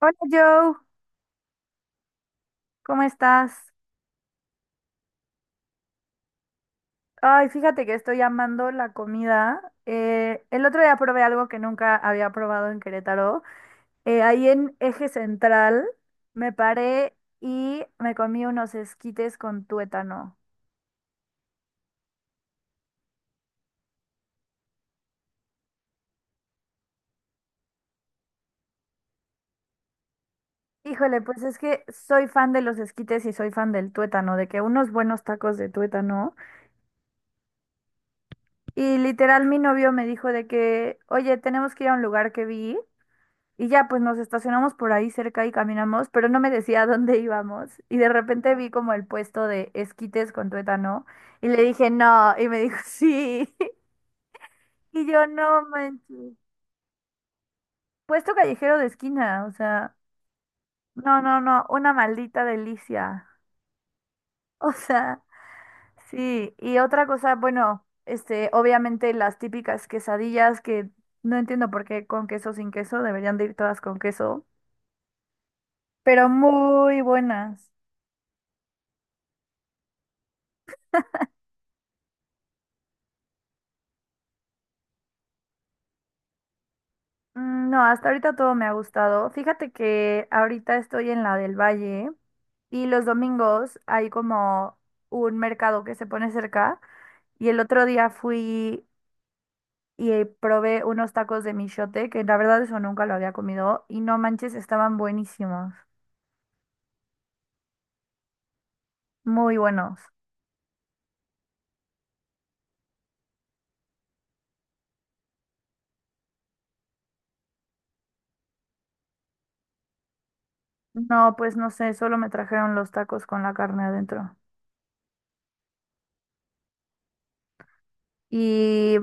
Hola Joe, ¿cómo estás? Ay, fíjate que estoy amando la comida. El otro día probé algo que nunca había probado en Querétaro. Ahí en Eje Central me paré y me comí unos esquites con tuétano. Híjole, pues es que soy fan de los esquites y soy fan del tuétano, de que unos buenos tacos de tuétano. Y literal mi novio me dijo de que, oye, tenemos que ir a un lugar que vi. Y ya pues nos estacionamos por ahí cerca y caminamos, pero no me decía a dónde íbamos. Y de repente vi como el puesto de esquites con tuétano y le dije no, y me dijo sí. Y yo no manches. Puesto callejero de esquina, o sea, no, no, no, una maldita delicia. O sea, sí. Y otra cosa, bueno, obviamente las típicas quesadillas que no entiendo por qué con queso sin queso, deberían de ir todas con queso, pero muy buenas. No, hasta ahorita todo me ha gustado. Fíjate que ahorita estoy en la del Valle y los domingos hay como un mercado que se pone cerca y el otro día fui y probé unos tacos de michote, que la verdad eso nunca lo había comido y no manches, estaban buenísimos, muy buenos. No, pues no sé, solo me trajeron los tacos con la carne adentro. Y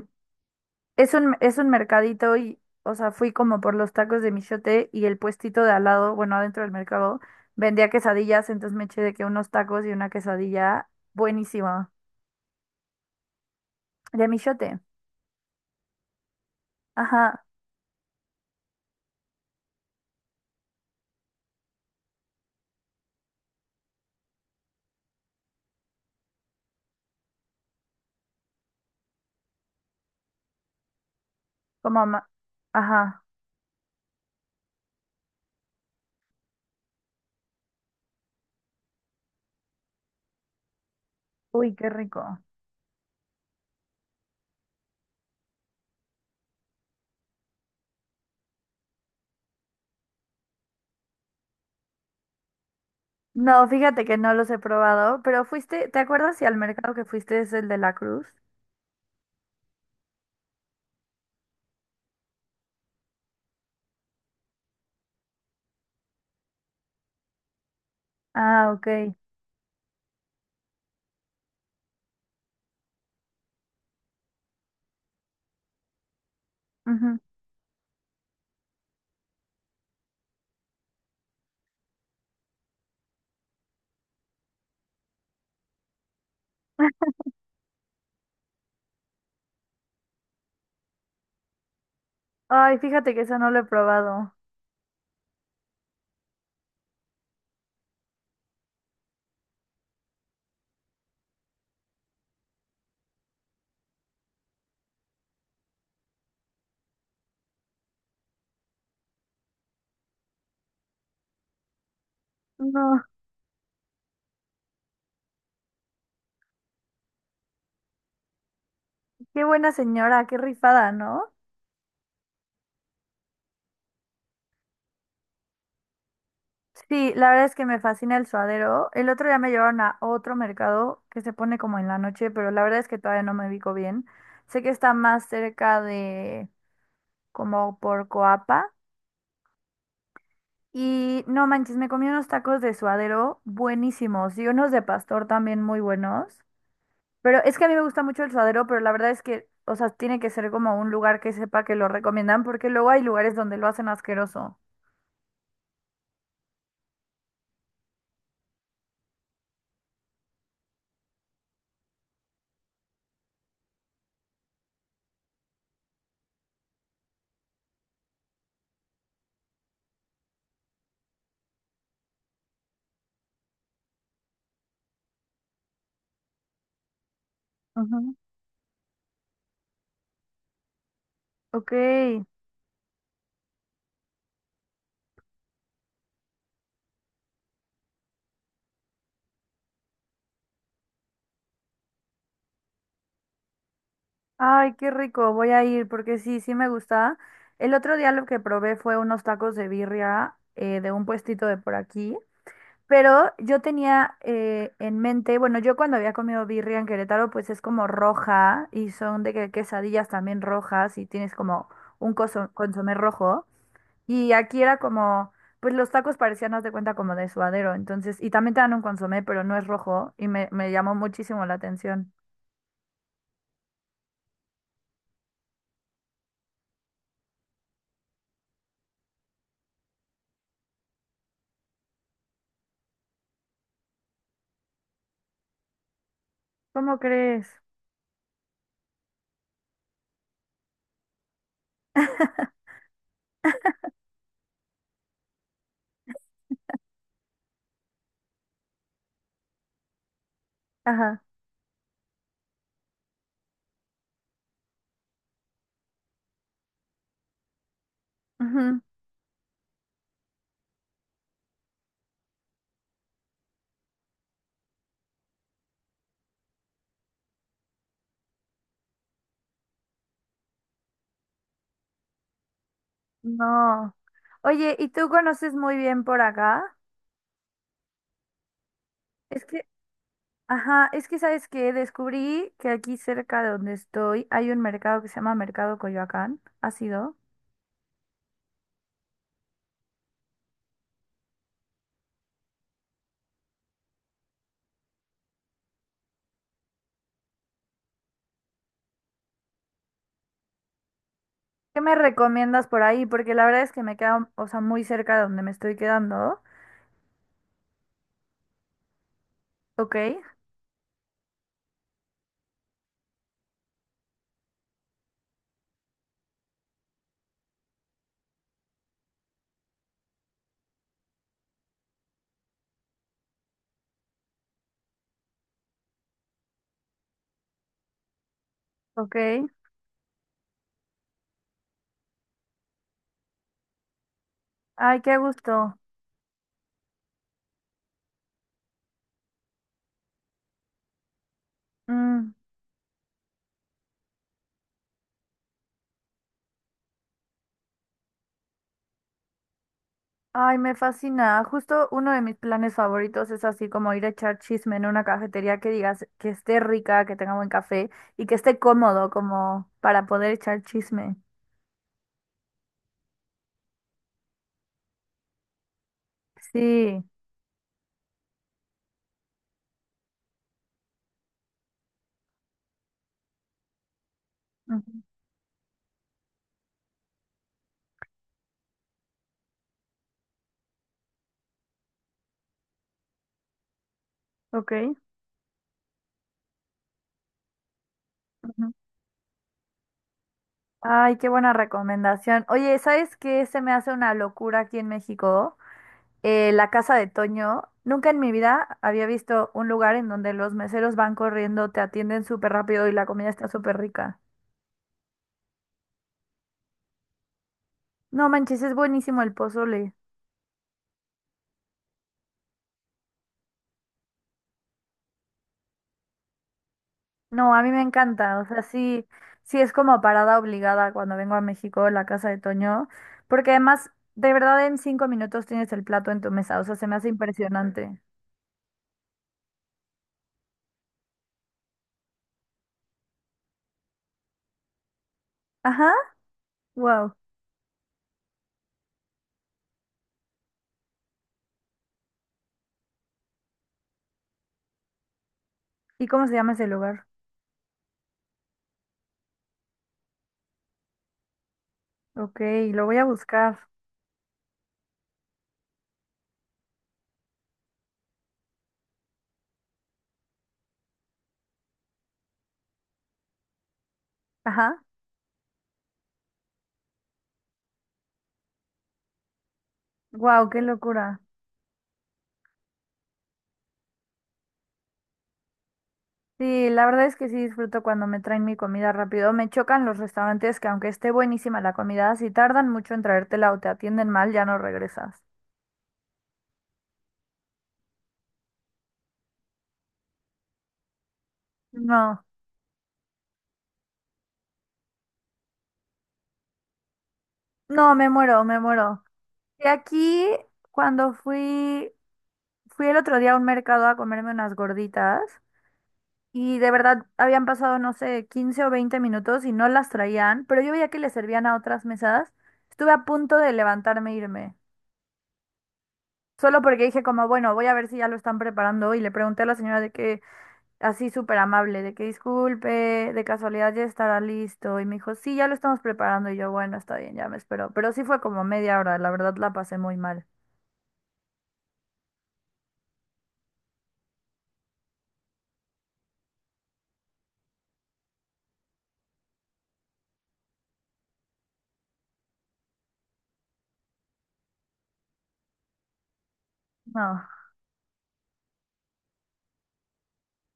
es un mercadito y, o sea, fui como por los tacos de michote y el puestito de al lado, bueno, adentro del mercado, vendía quesadillas, entonces me eché de que unos tacos y una quesadilla buenísima. De michote. Ajá, como ma- ajá. Uy, qué rico. No, fíjate que no los he probado, pero fuiste, ¿te acuerdas si al mercado que fuiste es el de la Cruz? Ah, ok. Ujú. Ay, fíjate que eso no lo he probado. No, qué buena señora, qué rifada, ¿no? Sí, la verdad es que me fascina el suadero. El otro día me llevaron a otro mercado que se pone como en la noche, pero la verdad es que todavía no me ubico bien. Sé que está más cerca de como por Coapa. Y no manches, me comí unos tacos de suadero buenísimos y unos de pastor también muy buenos. Pero es que a mí me gusta mucho el suadero, pero la verdad es que, o sea, tiene que ser como un lugar que sepa que lo recomiendan, porque luego hay lugares donde lo hacen asqueroso. Ujú. Ok. Ay, qué rico, voy a ir porque sí, sí me gusta. El otro día lo que probé fue unos tacos de birria de un puestito de por aquí, pero yo tenía en mente, bueno, yo cuando había comido birria en Querétaro, pues es como roja y son de que quesadillas también rojas y tienes como un consomé rojo. Y aquí era como, pues los tacos parecían, haz de cuenta, como de suadero, entonces, y también te dan un consomé, pero no es rojo y me llamó muchísimo la atención. ¿Cómo crees? Ajá. Ujú. No. Oye, ¿y tú conoces muy bien por acá? Es que, ajá, es que sabes que descubrí que aquí cerca de donde estoy hay un mercado que se llama Mercado Coyoacán. ¿Has ido? ¿Qué me recomiendas por ahí? Porque la verdad es que me queda, o sea, muy cerca de donde me estoy quedando. Ok, ok. Ay, qué gusto. Mm, Ay, me fascina. Justo uno de mis planes favoritos es así como ir a echar chisme en una cafetería que digas que esté rica, que tenga buen café y que esté cómodo como para poder echar chisme. Sí. Ujú. Ok. Ujú. Ay, qué buena recomendación. Oye, ¿sabes qué se me hace una locura aquí en México? La casa de Toño. Nunca en mi vida había visto un lugar en donde los meseros van corriendo, te atienden súper rápido y la comida está súper rica. No manches, es buenísimo el pozole. No, a mí me encanta, o sea, sí, sí es como parada obligada cuando vengo a México, la casa de Toño, porque además, de verdad, en 5 minutos tienes el plato en tu mesa, o sea, se me hace impresionante. Ajá, wow. ¿Y cómo se llama ese lugar? Ok, lo voy a buscar. Ajá, wow, qué locura. Sí, la verdad es que sí disfruto cuando me traen mi comida rápido. Me chocan los restaurantes que aunque esté buenísima la comida, si tardan mucho en traértela o te atienden mal, ya no regresas. No, no, me muero, me muero. Y aquí, cuando fui, fui el otro día a un mercado a comerme unas gorditas y de verdad habían pasado, no sé, 15 o 20 minutos y no las traían, pero yo veía que les servían a otras mesas. Estuve a punto de levantarme e irme, solo porque dije como, bueno, voy a ver si ya lo están preparando y le pregunté a la señora de que, así súper amable, de que disculpe, de casualidad ya estará listo y me dijo, sí, ya lo estamos preparando y yo, bueno, está bien, ya me espero, pero sí fue como media hora, la verdad la pasé muy mal. No,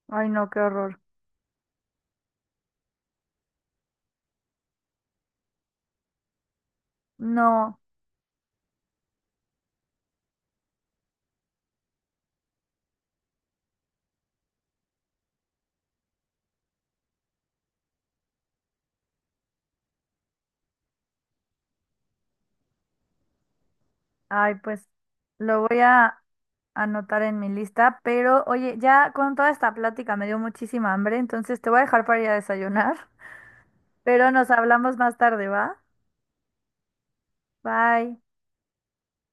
ay no, qué horror. No, ay, pues lo voy a anotar en mi lista, pero oye, ya con toda esta plática me dio muchísima hambre, entonces te voy a dejar para ir a desayunar, pero nos hablamos más tarde, ¿va? Bye.